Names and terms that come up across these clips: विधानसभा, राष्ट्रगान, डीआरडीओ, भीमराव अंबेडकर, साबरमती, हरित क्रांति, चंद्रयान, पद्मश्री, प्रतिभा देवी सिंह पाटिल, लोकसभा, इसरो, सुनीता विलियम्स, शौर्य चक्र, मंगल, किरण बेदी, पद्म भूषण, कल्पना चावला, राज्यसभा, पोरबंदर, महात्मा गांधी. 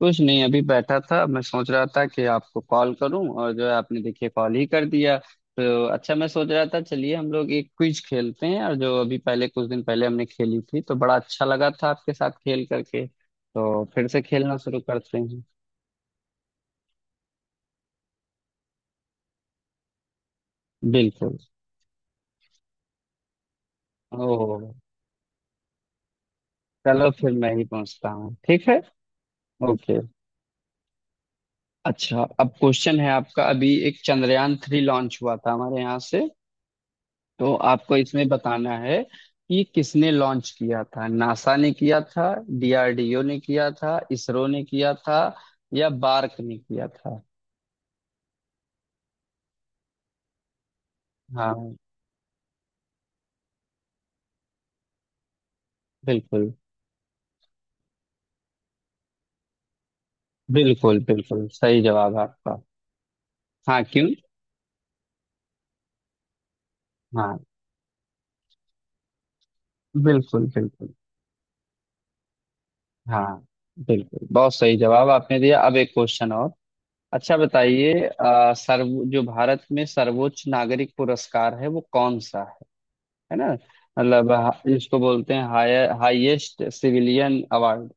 कुछ नहीं, अभी बैठा था। मैं सोच रहा था कि आपको कॉल करूं और जो है, आपने देखिए कॉल ही कर दिया। तो अच्छा, मैं सोच रहा था चलिए हम लोग एक क्विज खेलते हैं, और जो अभी पहले कुछ दिन पहले हमने खेली थी तो बड़ा अच्छा लगा था आपके साथ खेल करके, तो फिर से खेलना शुरू करते हैं। बिल्कुल। ओह। चलो फिर मैं ही पहुंचता हूँ, ठीक है। ओके। अच्छा, अब क्वेश्चन है आपका, अभी एक चंद्रयान 3 लॉन्च हुआ था हमारे यहाँ से, तो आपको इसमें बताना है कि किसने लॉन्च किया था। नासा ने किया था, डीआरडीओ ने किया था, इसरो ने किया था, या बार्क ने किया था। हाँ। बिल्कुल बिल्कुल, बिल्कुल सही जवाब है आपका। हाँ, क्यों। हाँ, बिल्कुल बिल्कुल। हाँ। बिल्कुल, बहुत सही जवाब आपने दिया। अब एक क्वेश्चन और। अच्छा, बताइए अ, सर्व जो भारत में सर्वोच्च नागरिक पुरस्कार है वो कौन सा। है ना। मतलब इसको बोलते हैं higher, highest civilian award.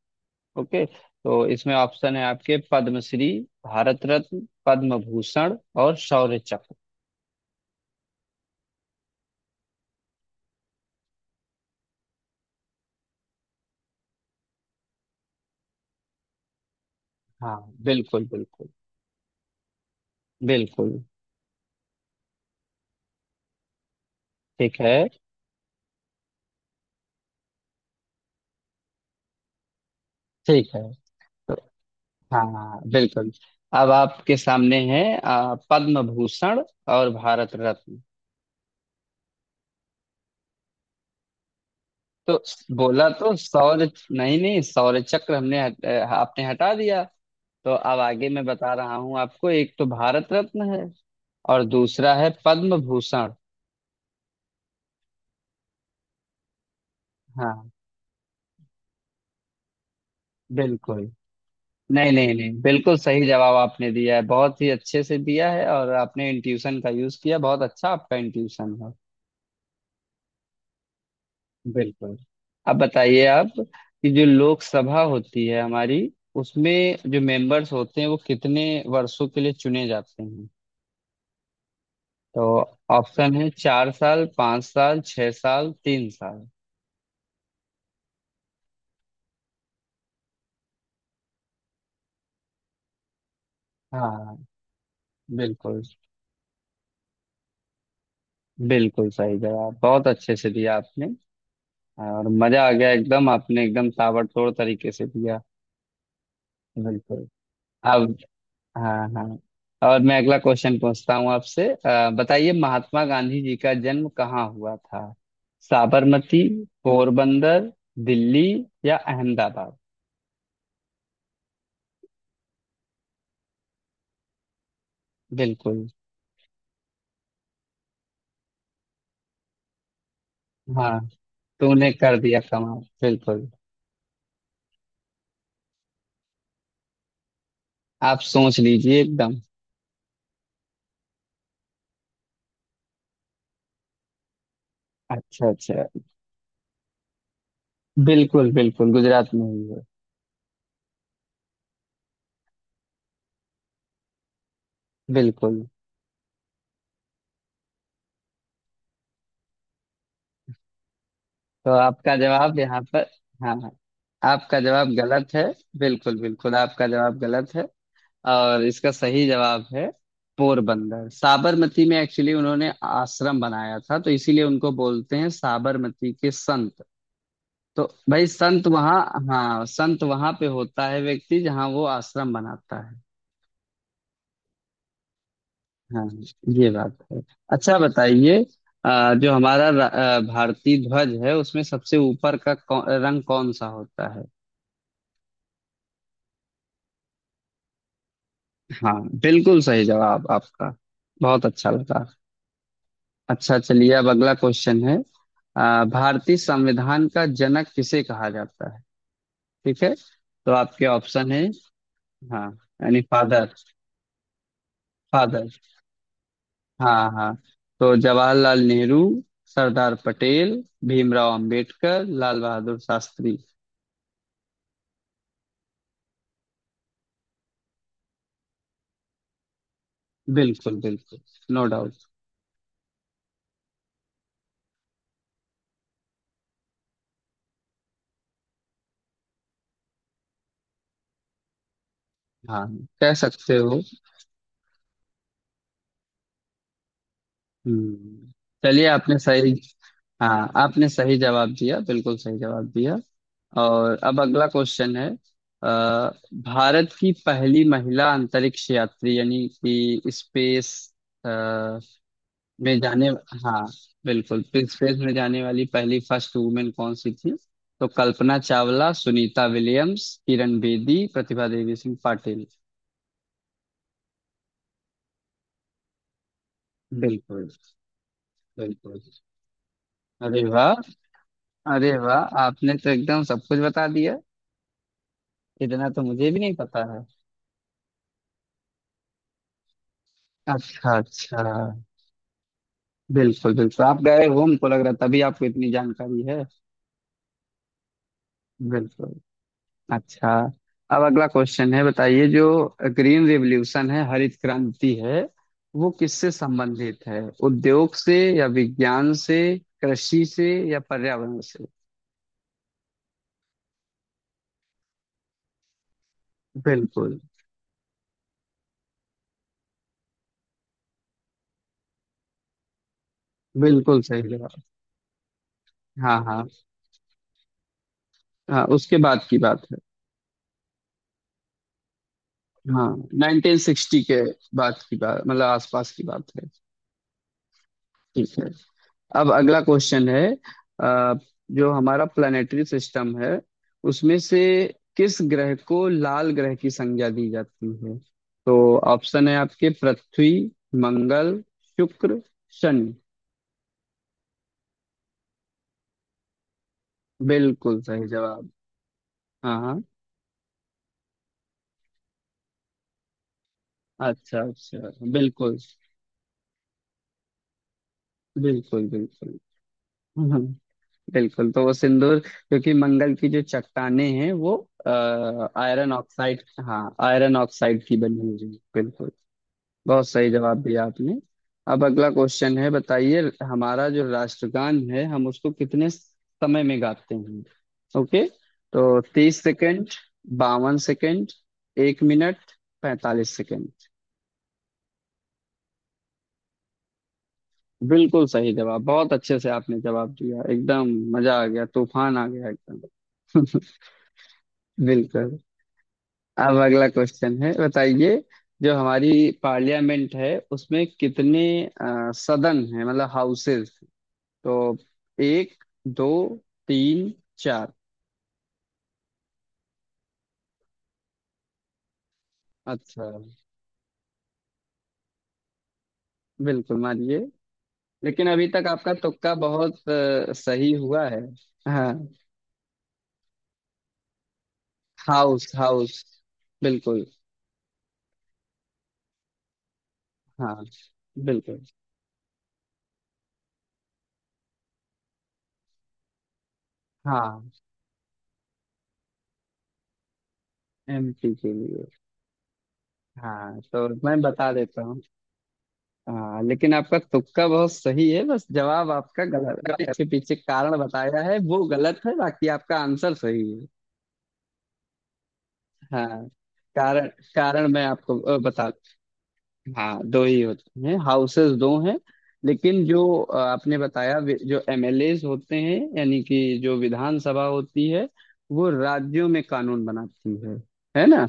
Okay. तो इसमें ऑप्शन है आपके पद्मश्री, भारत रत्न, पद्म भूषण, और शौर्य चक्र। हाँ। बिल्कुल बिल्कुल बिल्कुल। ठीक है। ठीक है, तो। हाँ, बिल्कुल। अब आपके सामने है पद्म भूषण और भारत रत्न। तो बोला तो सौर, नहीं नहीं, सौर चक्र आपने हटा दिया। तो अब आगे मैं बता रहा हूँ आपको, एक तो भारत रत्न है और दूसरा है पद्म भूषण। हाँ। बिल्कुल। नहीं नहीं नहीं, बिल्कुल सही जवाब आपने दिया है, बहुत ही अच्छे से दिया है, और आपने इंट्यूशन का यूज किया। बहुत अच्छा आपका इंट्यूशन है। बिल्कुल। अब बताइए आप कि जो लोकसभा होती है हमारी, उसमें जो मेंबर्स होते हैं वो कितने वर्षों के लिए चुने जाते हैं। तो ऑप्शन है 4 साल, 5 साल, 6 साल, 3 साल। हाँ। बिल्कुल। बिल्कुल सही जवाब, बहुत अच्छे से दिया आपने, और मजा आ गया एकदम। आपने एकदम ताबड़तोड़ तरीके से दिया। बिल्कुल। अब, हाँ हाँ, और मैं अगला क्वेश्चन पूछता हूँ आपसे। बताइए महात्मा गांधी जी का जन्म कहाँ हुआ था। साबरमती, पोरबंदर, दिल्ली, या अहमदाबाद। बिल्कुल। हाँ, तूने कर दिया कमाल, बिल्कुल। आप सोच लीजिए एकदम। अच्छा अच्छा, बिल्कुल बिल्कुल, गुजरात में ही है। बिल्कुल। तो आपका जवाब यहाँ पर। हाँ हाँ, आपका जवाब गलत है। बिल्कुल बिल्कुल, आपका जवाब गलत है, और इसका सही जवाब है पोरबंदर। साबरमती में एक्चुअली उन्होंने आश्रम बनाया था, तो इसीलिए उनको बोलते हैं साबरमती के संत। तो भाई, संत वहाँ। हाँ, संत वहाँ पे होता है व्यक्ति जहाँ वो आश्रम बनाता है। हाँ। ये बात है। अच्छा, बताइए जो हमारा भारतीय ध्वज है, उसमें सबसे ऊपर का रंग कौन सा होता है। हाँ, बिल्कुल सही जवाब आपका। बहुत अच्छा लगा। अच्छा चलिए, अब अगला क्वेश्चन है। भारतीय संविधान का जनक किसे कहा जाता है। ठीक है। तो आपके ऑप्शन है। हाँ। यानी फादर। फादर। हाँ हाँ। तो जवाहरलाल नेहरू, सरदार पटेल, भीमराव अंबेडकर, लाल बहादुर शास्त्री। बिल्कुल बिल्कुल। No doubt. हाँ। कह सकते हो। हम्म। चलिए, आपने सही, हाँ, आपने सही जवाब दिया, बिल्कुल सही जवाब दिया। और अब अगला क्वेश्चन है। अ, भारत की पहली महिला अंतरिक्ष यात्री, यानी कि स्पेस में जाने, हाँ, बिल्कुल, स्पेस में जाने वाली पहली फर्स्ट वुमेन कौन सी थी। तो कल्पना चावला, सुनीता विलियम्स, किरण बेदी, प्रतिभा देवी सिंह पाटिल। बिल्कुल बिल्कुल। अरे वाह। अरे वाह, आपने तो एकदम सब कुछ बता दिया। इतना तो मुझे भी नहीं पता है। अच्छा अच्छा। बिल्कुल बिल्कुल, आप गए हो हमको लग रहा है, तभी आपको इतनी जानकारी है। बिल्कुल। अच्छा, अब अगला क्वेश्चन है। बताइए जो ग्रीन रिवॉल्यूशन है, हरित क्रांति है, वो किससे संबंधित है? उद्योग से, या विज्ञान से, कृषि से, या पर्यावरण से। बिल्कुल। बिल्कुल सही जवाब। हाँ हाँ। हाँ, उसके बाद की बात है। हाँ, 1960 के बाद की बात, मतलब आसपास की बात है। ठीक है। अब अगला क्वेश्चन है। अ, जो हमारा प्लानिटरी सिस्टम है, उसमें से किस ग्रह को लाल ग्रह की संज्ञा दी जाती है। तो ऑप्शन है आपके पृथ्वी, मंगल, शुक्र, शनि। बिल्कुल सही जवाब। हाँ हाँ। अच्छा अच्छा, बिल्कुल बिल्कुल बिल्कुल। हम्म, बिल्कुल, तो वो सिंदूर क्योंकि मंगल की जो चट्टाने हैं वो आयरन ऑक्साइड, हाँ, आयरन ऑक्साइड की बनी हुई हैं। बिल्कुल। बहुत सही जवाब दिया आपने। अब अगला क्वेश्चन है, बताइए हमारा जो राष्ट्रगान है हम उसको कितने समय में गाते हैं। ओके। तो 30 सेकंड, 52 सेकंड, 1 मिनट, 45 सेकंड। बिल्कुल सही जवाब, बहुत अच्छे से आपने जवाब दिया एकदम। मजा आ गया, तूफान आ गया एकदम। बिल्कुल। अब अगला क्वेश्चन है, बताइए जो हमारी पार्लियामेंट है उसमें कितने सदन है, मतलब हाउसेस। तो एक, दो, तीन, चार। अच्छा। बिल्कुल, मानिए। लेकिन अभी तक आपका तुक्का बहुत सही हुआ है। हाँ। हाउस हाउस, बिल्कुल। हाँ, बिल्कुल। हाँ, एमपी के लिए। हाँ, तो मैं बता देता हूँ। हाँ, लेकिन आपका तुक्का बहुत सही है, बस जवाब आपका गलत है, इसके पीछे कारण बताया है वो गलत है, बाकी आपका आंसर सही है। हाँ। कारण कारण मैं आपको बता। हाँ, दो ही होते हैं, हाउसेस दो हैं। लेकिन जो आपने बताया, जो एमएलएज होते हैं, यानी कि जो विधानसभा होती है, वो राज्यों में कानून बनाती है ना।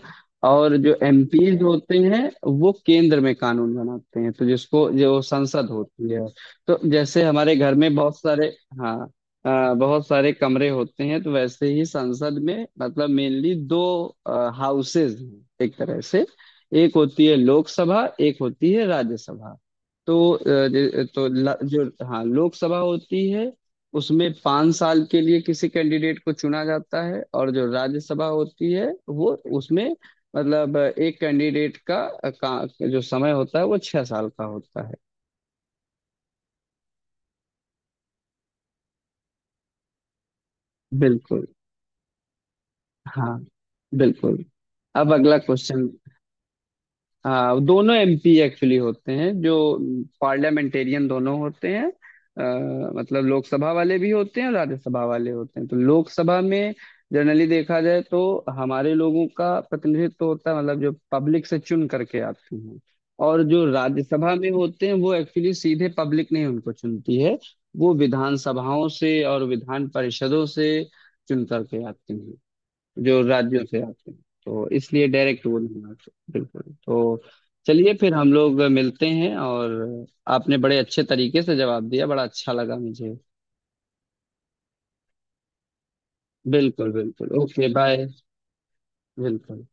और जो एमपीज होते हैं, वो केंद्र में कानून बनाते हैं, तो जिसको जो संसद होती है, तो जैसे हमारे घर में बहुत सारे, हाँ, बहुत सारे कमरे होते हैं, तो वैसे ही संसद में मतलब मेनली दो हाउसेज हैं एक तरह से। एक होती है लोकसभा, एक होती है राज्यसभा। तो जो, हाँ, लोकसभा होती है, उसमें 5 साल के लिए किसी कैंडिडेट को चुना जाता है। और जो राज्यसभा होती है, वो उसमें मतलब एक का जो समय होता है वो 6 साल का होता है। बिल्कुल। हाँ। बिल्कुल। अब अगला क्वेश्चन। हाँ, दोनों एमपी एक्चुअली होते हैं, जो पार्लियामेंटेरियन दोनों होते हैं। मतलब लोकसभा वाले भी होते हैं और राज्यसभा वाले होते हैं। तो लोकसभा में जनरली देखा जाए तो हमारे लोगों का प्रतिनिधित्व होता है, मतलब जो पब्लिक से चुन करके आते हैं। और जो राज्यसभा में होते हैं, वो एक्चुअली सीधे पब्लिक नहीं उनको चुनती है, वो विधानसभाओं से और विधान परिषदों से चुन करके आते हैं, जो राज्यों से आते हैं। तो इसलिए डायरेक्ट वो नहीं आते, बिल्कुल। तो चलिए, फिर हम लोग मिलते हैं, और आपने बड़े अच्छे तरीके से जवाब दिया, बड़ा अच्छा लगा मुझे। बिल्कुल बिल्कुल। Okay, bye. बिल्कुल।